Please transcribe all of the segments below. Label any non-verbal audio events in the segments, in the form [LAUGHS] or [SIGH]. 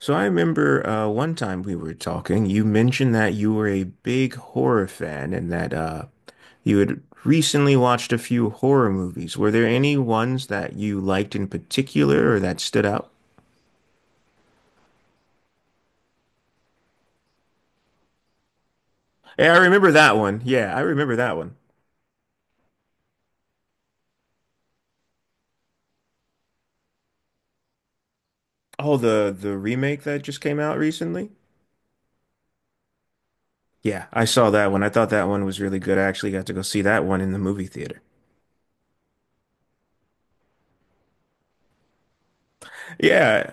So I remember one time we were talking, you mentioned that you were a big horror fan and that you had recently watched a few horror movies. Were there any ones that you liked in particular or that stood out? Yeah, I remember that one. Yeah, I remember that one. Oh, the remake that just came out recently? Yeah, I saw that one. I thought that one was really good. I actually got to go see that one in the movie theater. Yeah.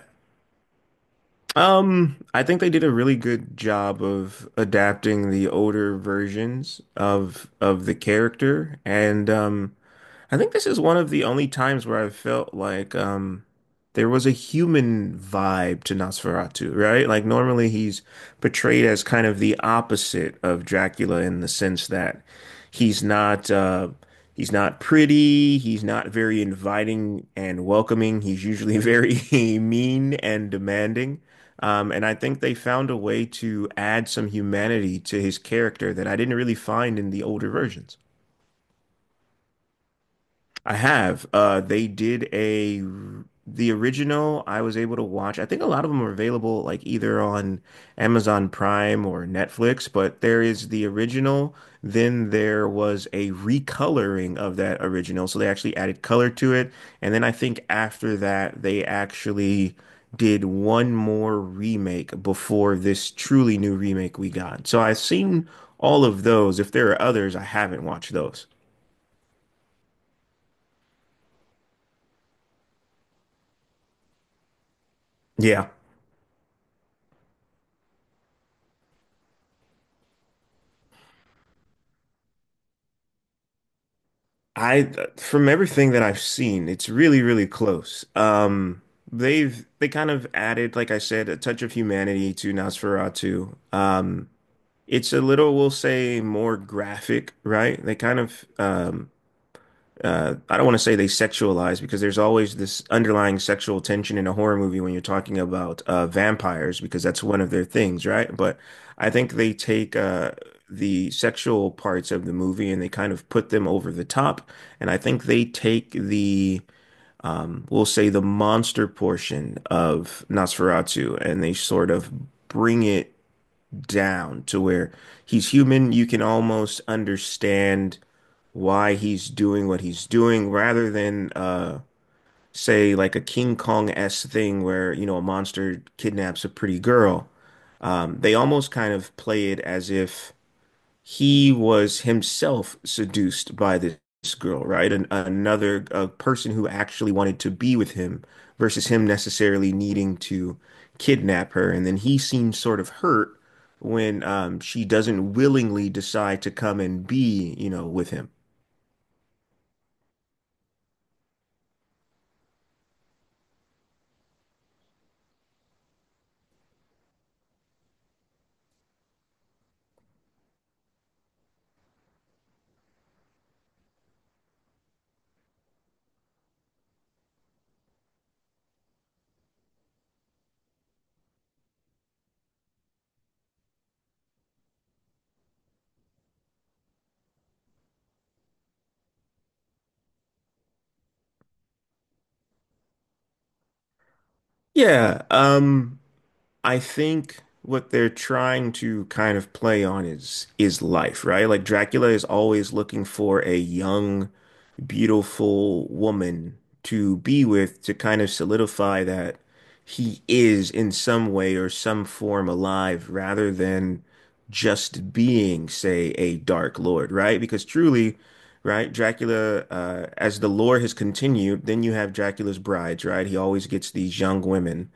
I think they did a really good job of adapting the older versions of the character, and I think this is one of the only times where I felt like there was a human vibe to Nosferatu, right? Like normally he's portrayed as kind of the opposite of Dracula in the sense that he's not uh, he's not pretty, he's not very inviting and welcoming. He's usually very [LAUGHS] mean and demanding. And I think they found a way to add some humanity to his character that I didn't really find in the older versions. I have. They did a the original I was able to watch. I think a lot of them are available like either on Amazon Prime or Netflix, but there is the original. Then there was a recoloring of that original. So they actually added color to it. And then I think after that, they actually did one more remake before this truly new remake we got. So I've seen all of those. If there are others, I haven't watched those. Yeah. I from everything that I've seen, it's really, really close. They kind of added, like I said, a touch of humanity to Nosferatu. It's a little, we'll say, more graphic, right? They kind of I don't want to say they sexualize because there's always this underlying sexual tension in a horror movie when you're talking about vampires because that's one of their things, right? But I think they take the sexual parts of the movie and they kind of put them over the top. And I think they take the, we'll say, the monster portion of Nosferatu and they sort of bring it down to where he's human. You can almost understand why he's doing what he's doing rather than say like a King Kong-esque thing where, you know, a monster kidnaps a pretty girl. They almost kind of play it as if he was himself seduced by this girl, right? An another a person who actually wanted to be with him versus him necessarily needing to kidnap her. And then he seems sort of hurt when she doesn't willingly decide to come and be, you know, with him. Yeah. I think what they're trying to kind of play on is life, right? Like Dracula is always looking for a young, beautiful woman to be with to kind of solidify that he is in some way or some form alive rather than just being, say, a dark lord, right? Because truly, right, Dracula, as the lore has continued, then you have Dracula's brides, right? He always gets these young women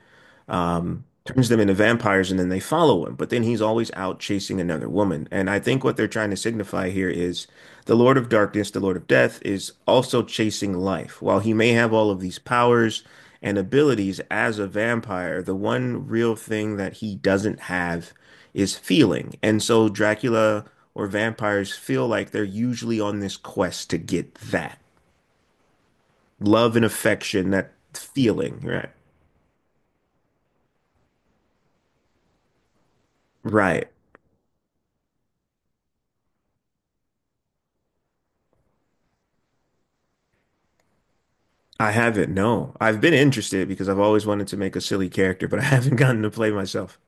turns them into vampires and then they follow him. But then he's always out chasing another woman. And I think what they're trying to signify here is the Lord of Darkness, the Lord of Death, is also chasing life. While he may have all of these powers and abilities as a vampire, the one real thing that he doesn't have is feeling. And so Dracula or vampires feel like they're usually on this quest to get that love and affection, that feeling, right? Right. I haven't, no. I've been interested because I've always wanted to make a silly character, but [LAUGHS] I haven't gotten to play myself.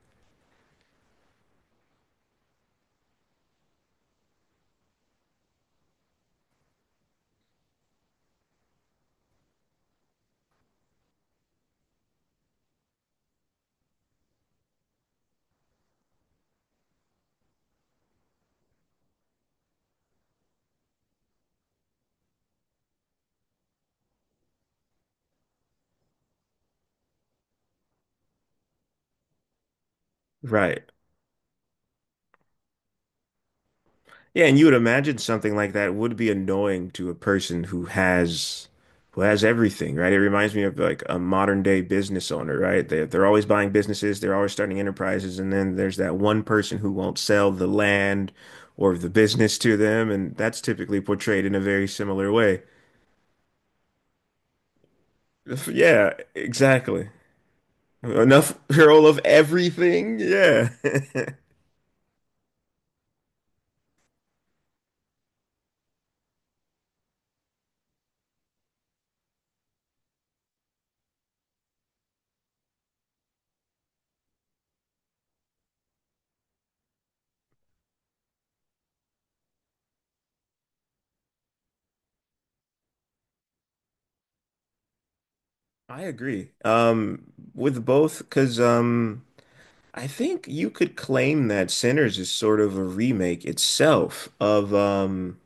Right. Yeah, and you would imagine something like that would be annoying to a person who has everything, right? It reminds me of like a modern day business owner, right? They're always buying businesses, they're always starting enterprises, and then there's that one person who won't sell the land or the business to them, and that's typically portrayed in a very similar way. [LAUGHS] Yeah, exactly. Enough [LAUGHS] girl of everything. Yeah. [LAUGHS] I agree. With both, because I think you could claim that Sinners is sort of a remake itself of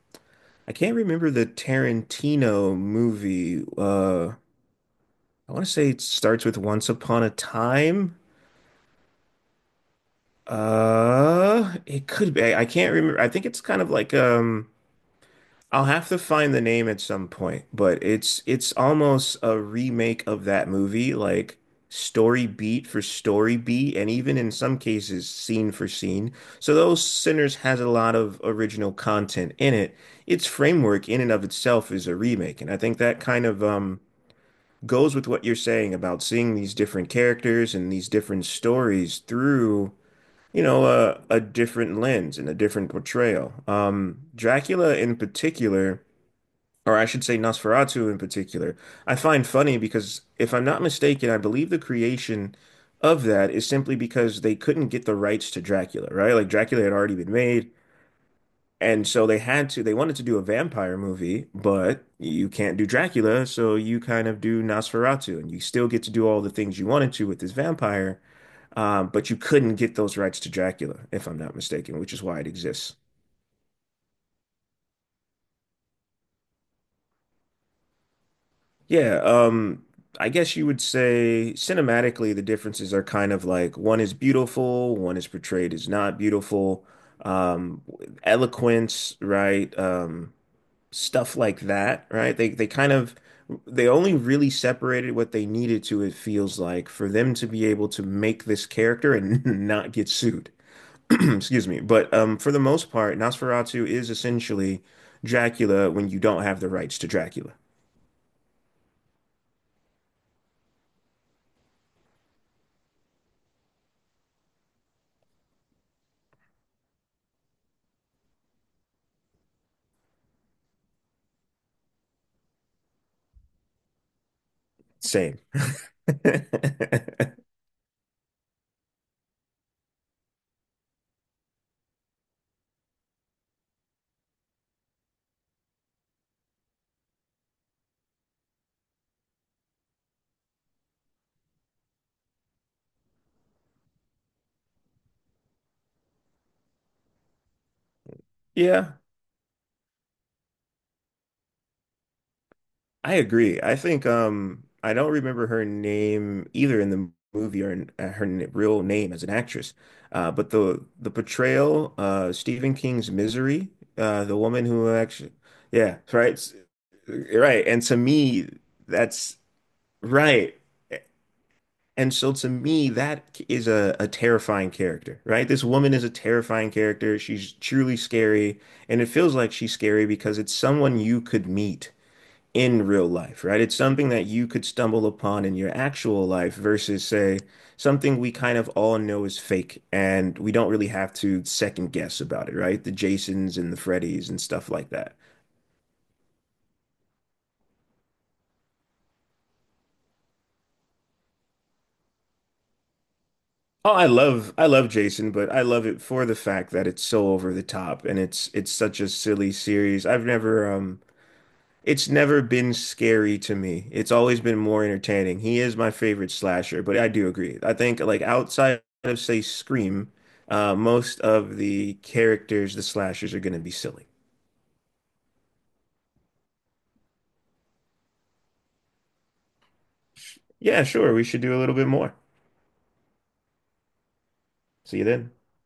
I can't remember the Tarantino movie. I want to say it starts with Once Upon a Time. It could be. I can't remember. I think it's kind of like I'll have to find the name at some point, but it's almost a remake of that movie, like story beat for story beat, and even in some cases scene for scene. So those Sinners has a lot of original content in it. Its framework in and of itself is a remake, and I think that kind of goes with what you're saying about seeing these different characters and these different stories through you know, a different lens and a different portrayal. Dracula in particular, or I should say Nosferatu in particular, I find funny because if I'm not mistaken, I believe the creation of that is simply because they couldn't get the rights to Dracula, right? Like Dracula had already been made, and so they had to, they wanted to do a vampire movie, but you can't do Dracula, so you kind of do Nosferatu, and you still get to do all the things you wanted to with this vampire, but you couldn't get those rights to Dracula, if I'm not mistaken, which is why it exists. Yeah, I guess you would say cinematically, the differences are kind of like one is beautiful, one is portrayed as not beautiful. Um, Eloquence, right? Stuff like that, right? They kind of they only really separated what they needed to, it feels like, for them to be able to make this character and [LAUGHS] not get sued. [CLEARS THROAT] Excuse me. But for the most part, Nosferatu is essentially Dracula when you don't have the rights to Dracula. Same. [LAUGHS] Yeah, I agree. I think I don't remember her name either in the movie or in, her n real name as an actress. But the portrayal Stephen King's Misery, the woman who actually yeah, right. S- Right. And to me that's right. And so to me that is a terrifying character, right? This woman is a terrifying character. She's truly scary and it feels like she's scary because it's someone you could meet in real life, right? It's something that you could stumble upon in your actual life versus, say, something we kind of all know is fake and we don't really have to second guess about it, right? The Jasons and the Freddys and stuff like that. Oh, I love Jason, but I love it for the fact that it's so over the top and it's such a silly series. I've never it's never been scary to me. It's always been more entertaining. He is my favorite slasher, but I do agree. I think like outside of say Scream, most of the characters, the slashers, are going to be silly. Yeah, sure. We should do a little bit more. See you then.